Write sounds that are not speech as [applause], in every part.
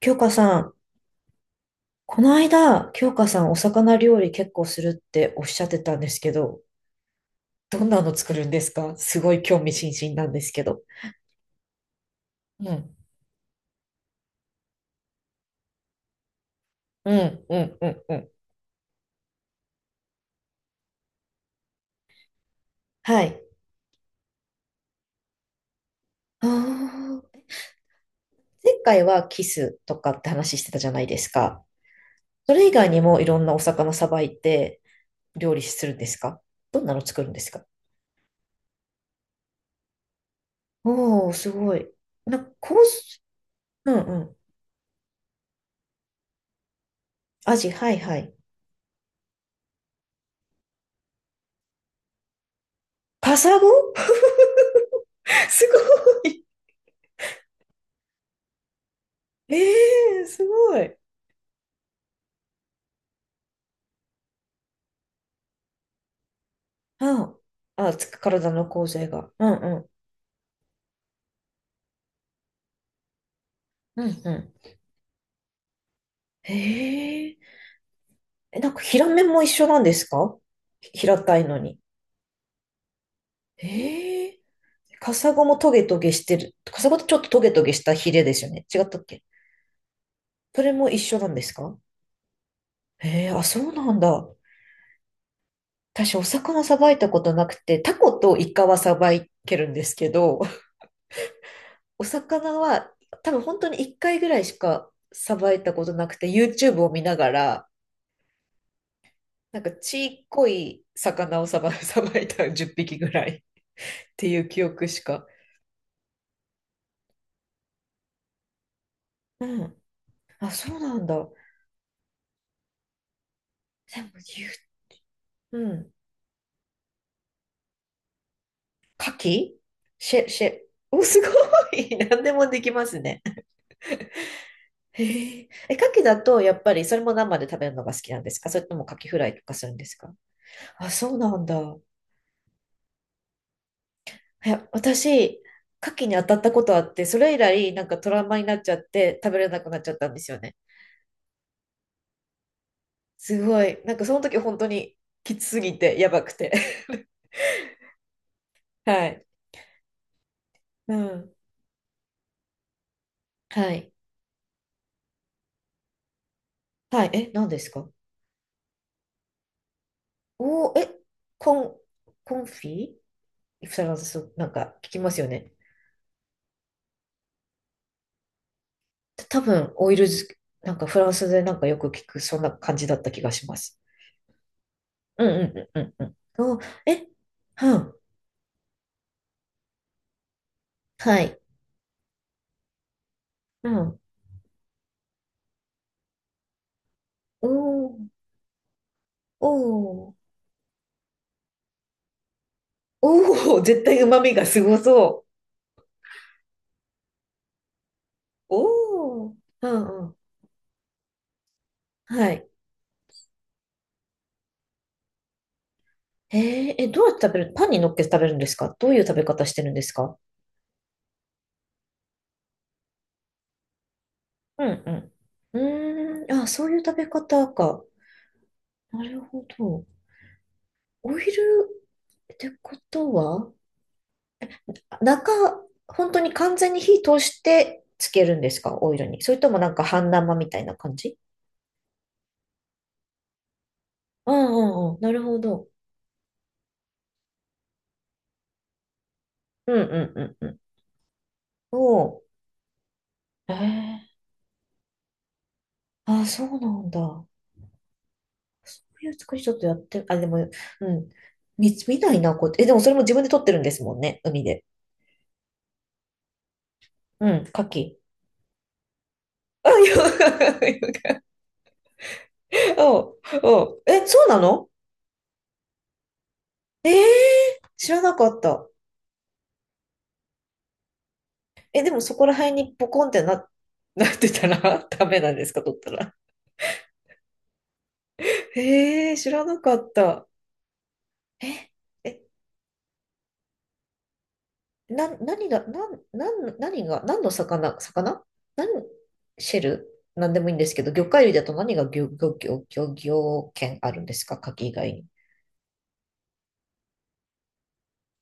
京香さん、この間、京香さんお魚料理結構するっておっしゃってたんですけど、どんなの作るんですか？すごい興味津々なんですけど。うん、うん、うん、うん、うん。はい。ああ、前回はキスとかって話してたじゃないですか。それ以外にもいろんなお魚さばいて料理するんですか？どんなの作るんですか？おー、すごい。コース、うんうん。アジ、はいはい。カサゴ。 [laughs] すごい。ええー、すごい。ああ、つく体の構成が。うんうん。うんうん。へえ。え、なんか平面も一緒なんですか？平たいのに。へえ。カサゴもトゲトゲしてる。カサゴってちょっとトゲトゲしたヒレですよね。違ったっけ？それも一緒なんですか？へえ、あ、そうなんだ。私、お魚さばいたことなくて、タコとイカはさばいけるんですけど、[laughs] お魚は多分本当に1回ぐらいしかさばいたことなくて、YouTube を見ながら、なんかちっこい魚をさば、[laughs] さばいた10匹ぐらいっていう記憶しか。うん。あ、そうなんだ。でも言う、うん。牡蠣、シェ、シェ、お、すごい。[laughs] 何でもできますね。へえ。え、牡蠣だとやっぱりそれも生で食べるのが好きなんですか？それとも牡蠣フライとかするんですか？あ、そうなんだ。いや、私、牡蠣に当たったことあって、それ以来なんかトラウマになっちゃって食べれなくなっちゃったんですよね。すごい。なんかその時本当にきつすぎて、やばくて。[laughs] はい。うん。はい。はい。え、何ですか？おー、え、コン、コンフィ、フランス、なんか聞きますよね。多分、オイル漬け、なんかフランスでなんかよく聞く、そんな感じだった気がします。うんうんうんうんうん。おー、え、うん。はい。うん。おー、おー、おー、絶対旨味がすごそう。おー、うんうん。はい。へえ、え、どうやって食べる？パンに乗っけて食べるんですか？どういう食べ方してるんですか？うんうん。うーん、あ、そういう食べ方か。なるほど。オイルってことは、あ中、本当に完全に火通してつけるんですか？オイルに。それともなんか半生みたいな感じ？うんうんうん。なるほど。うんうんうんうん。おう。へえ。あ、そうなんだ。そういう作りちょっとやって、あ、でも、うん。見ないな、こうやって。え、でもそれも自分で撮ってるんですもんね、海で。うん、牡蠣。あ、ヨガ、ヨおう、おう。え、そうなの？えー、知らなかった。え、でもそこら辺にポコンって[laughs] なってたら [laughs] ダメなんですか、取ったら。えー、知らなかった。え、え、何が、なん、なん、何が、何の魚、魚なんシェル、なんでもいいんですけど、魚介類だと何が漁業権あるんですか、牡蠣以外に。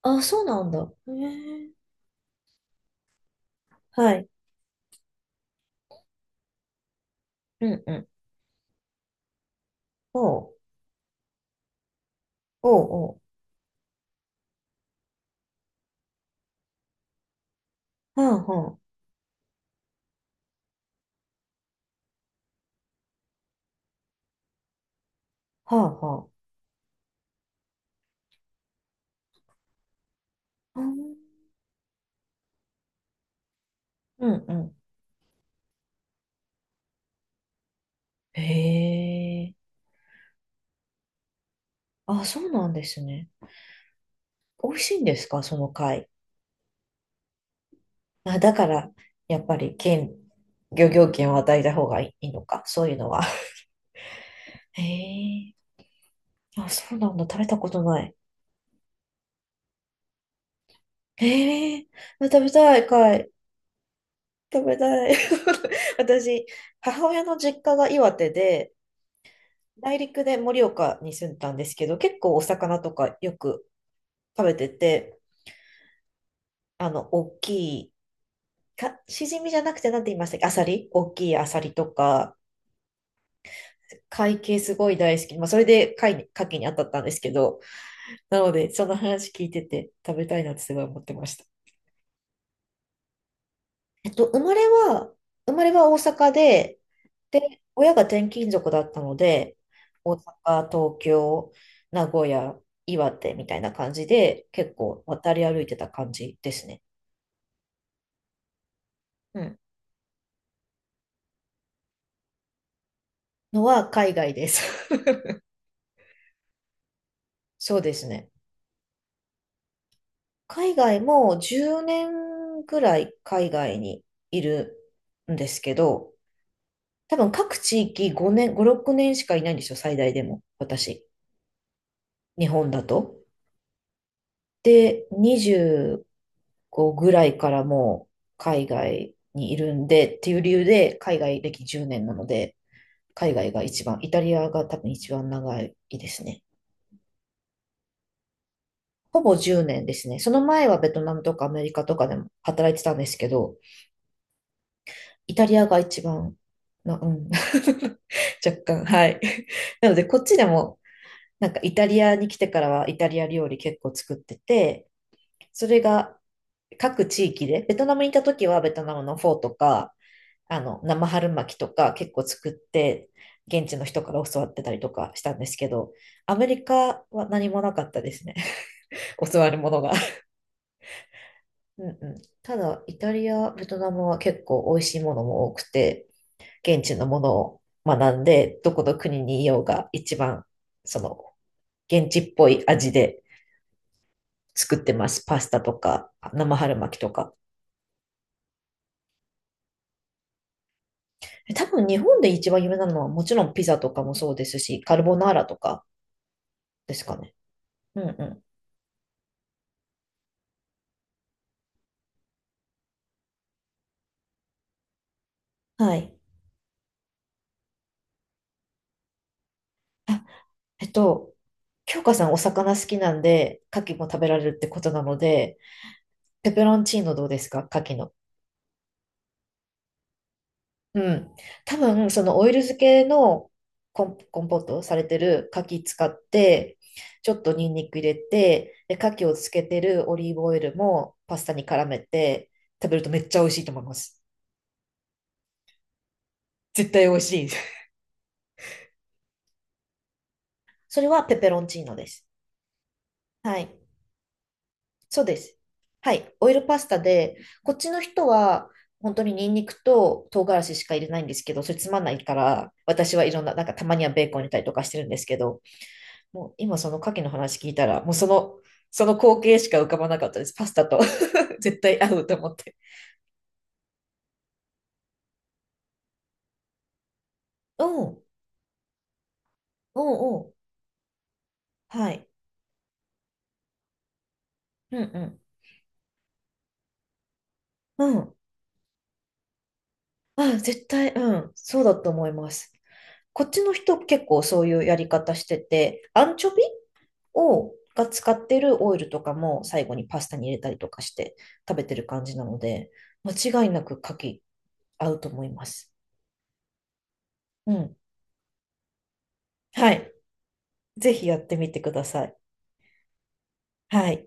あ、そうなんだ。へえ。はい。うんうん。おう、おう、おう。はんはん。はあはあ。あー、うんうん。へえ。あ、そうなんですね。美味しいんですか、その貝。あ、だから、やっぱり、漁業権を与えた方がいいのか、そういうのは。[laughs] へえ。あ、そうなんだ。食べたことない。へえ。あ、食べたい、貝。食べたい。[laughs] 私、母親の実家が岩手で、内陸で盛岡に住んでたんですけど、結構お魚とかよく食べてて、あの、大きいしじみじゃなくてなんて言いましたっけ？アサリ、大きいアサリとか、貝系すごい大好き。まあ、それで貝に、牡蠣に当たったんですけど、なので、その話聞いてて食べたいなってすごい思ってました。えっと、生まれは大阪で、で、親が転勤族だったので、大阪、東京、名古屋、岩手みたいな感じで、結構渡り歩いてた感じですね。うん。のは海外です。[laughs] そうですね。海外もう10年ぐらい海外にいるんですけど、多分各地域5年、5、6年しかいないんですよ、最大でも。私。日本だと。で、25ぐらいからもう海外にいるんでっていう理由で海外歴10年なので、海外が一番、イタリアが多分一番長いですね。ほぼ10年ですね。その前はベトナムとかアメリカとかでも働いてたんですけど、イタリアが一番、うん。[laughs] 若干、はい。なので、こっちでも、なんかイタリアに来てからはイタリア料理結構作ってて、それが各地域で、ベトナムにいた時はベトナムのフォーとか、あの、生春巻きとか結構作って、現地の人から教わってたりとかしたんですけど、アメリカは何もなかったですね。[laughs] 教わるものが。うんうん。ただ、イタリア、ベトナムは結構美味しいものも多くて、現地のものを学んで、どこの国にいようが一番、その、現地っぽい味で作ってます。パスタとか、生春巻きとか。多分日本で一番有名なのはもちろんピザとかもそうですし、カルボナーラとかですかね。うんうん。はい。あ、えっと、京香さんお魚好きなんで、牡蠣も食べられるってことなので、ペペロンチーノどうですか？牡蠣の。うん。多分、そのオイル漬けのコンポートされてる牡蠣使って、ちょっとニンニク入れて、で、牡蠣をつけてるオリーブオイルもパスタに絡めて食べるとめっちゃ美味しいと思います。絶対美味しい。[laughs] それはペペロンチーノです。はい。そうです。はい。オイルパスタで、こっちの人は本当にニンニクと唐辛子しか入れないんですけど、それつまんないから、私はいろんな、なんかたまにはベーコン入れたりとかしてるんですけど、もう今その牡蠣の話聞いたら、もうその、その光景しか浮かばなかったです。パスタと、 [laughs] 絶対合うと思って。うん、うん、うん。はい。うん、うん。うん。あ、絶対、うん。そうだと思います。こっちの人結構そういうやり方してて、アンチョビを、が使ってるオイルとかも最後にパスタに入れたりとかして食べてる感じなので、間違いなく牡蠣合うと思います。うん。はい。ぜひやってみてください。はい。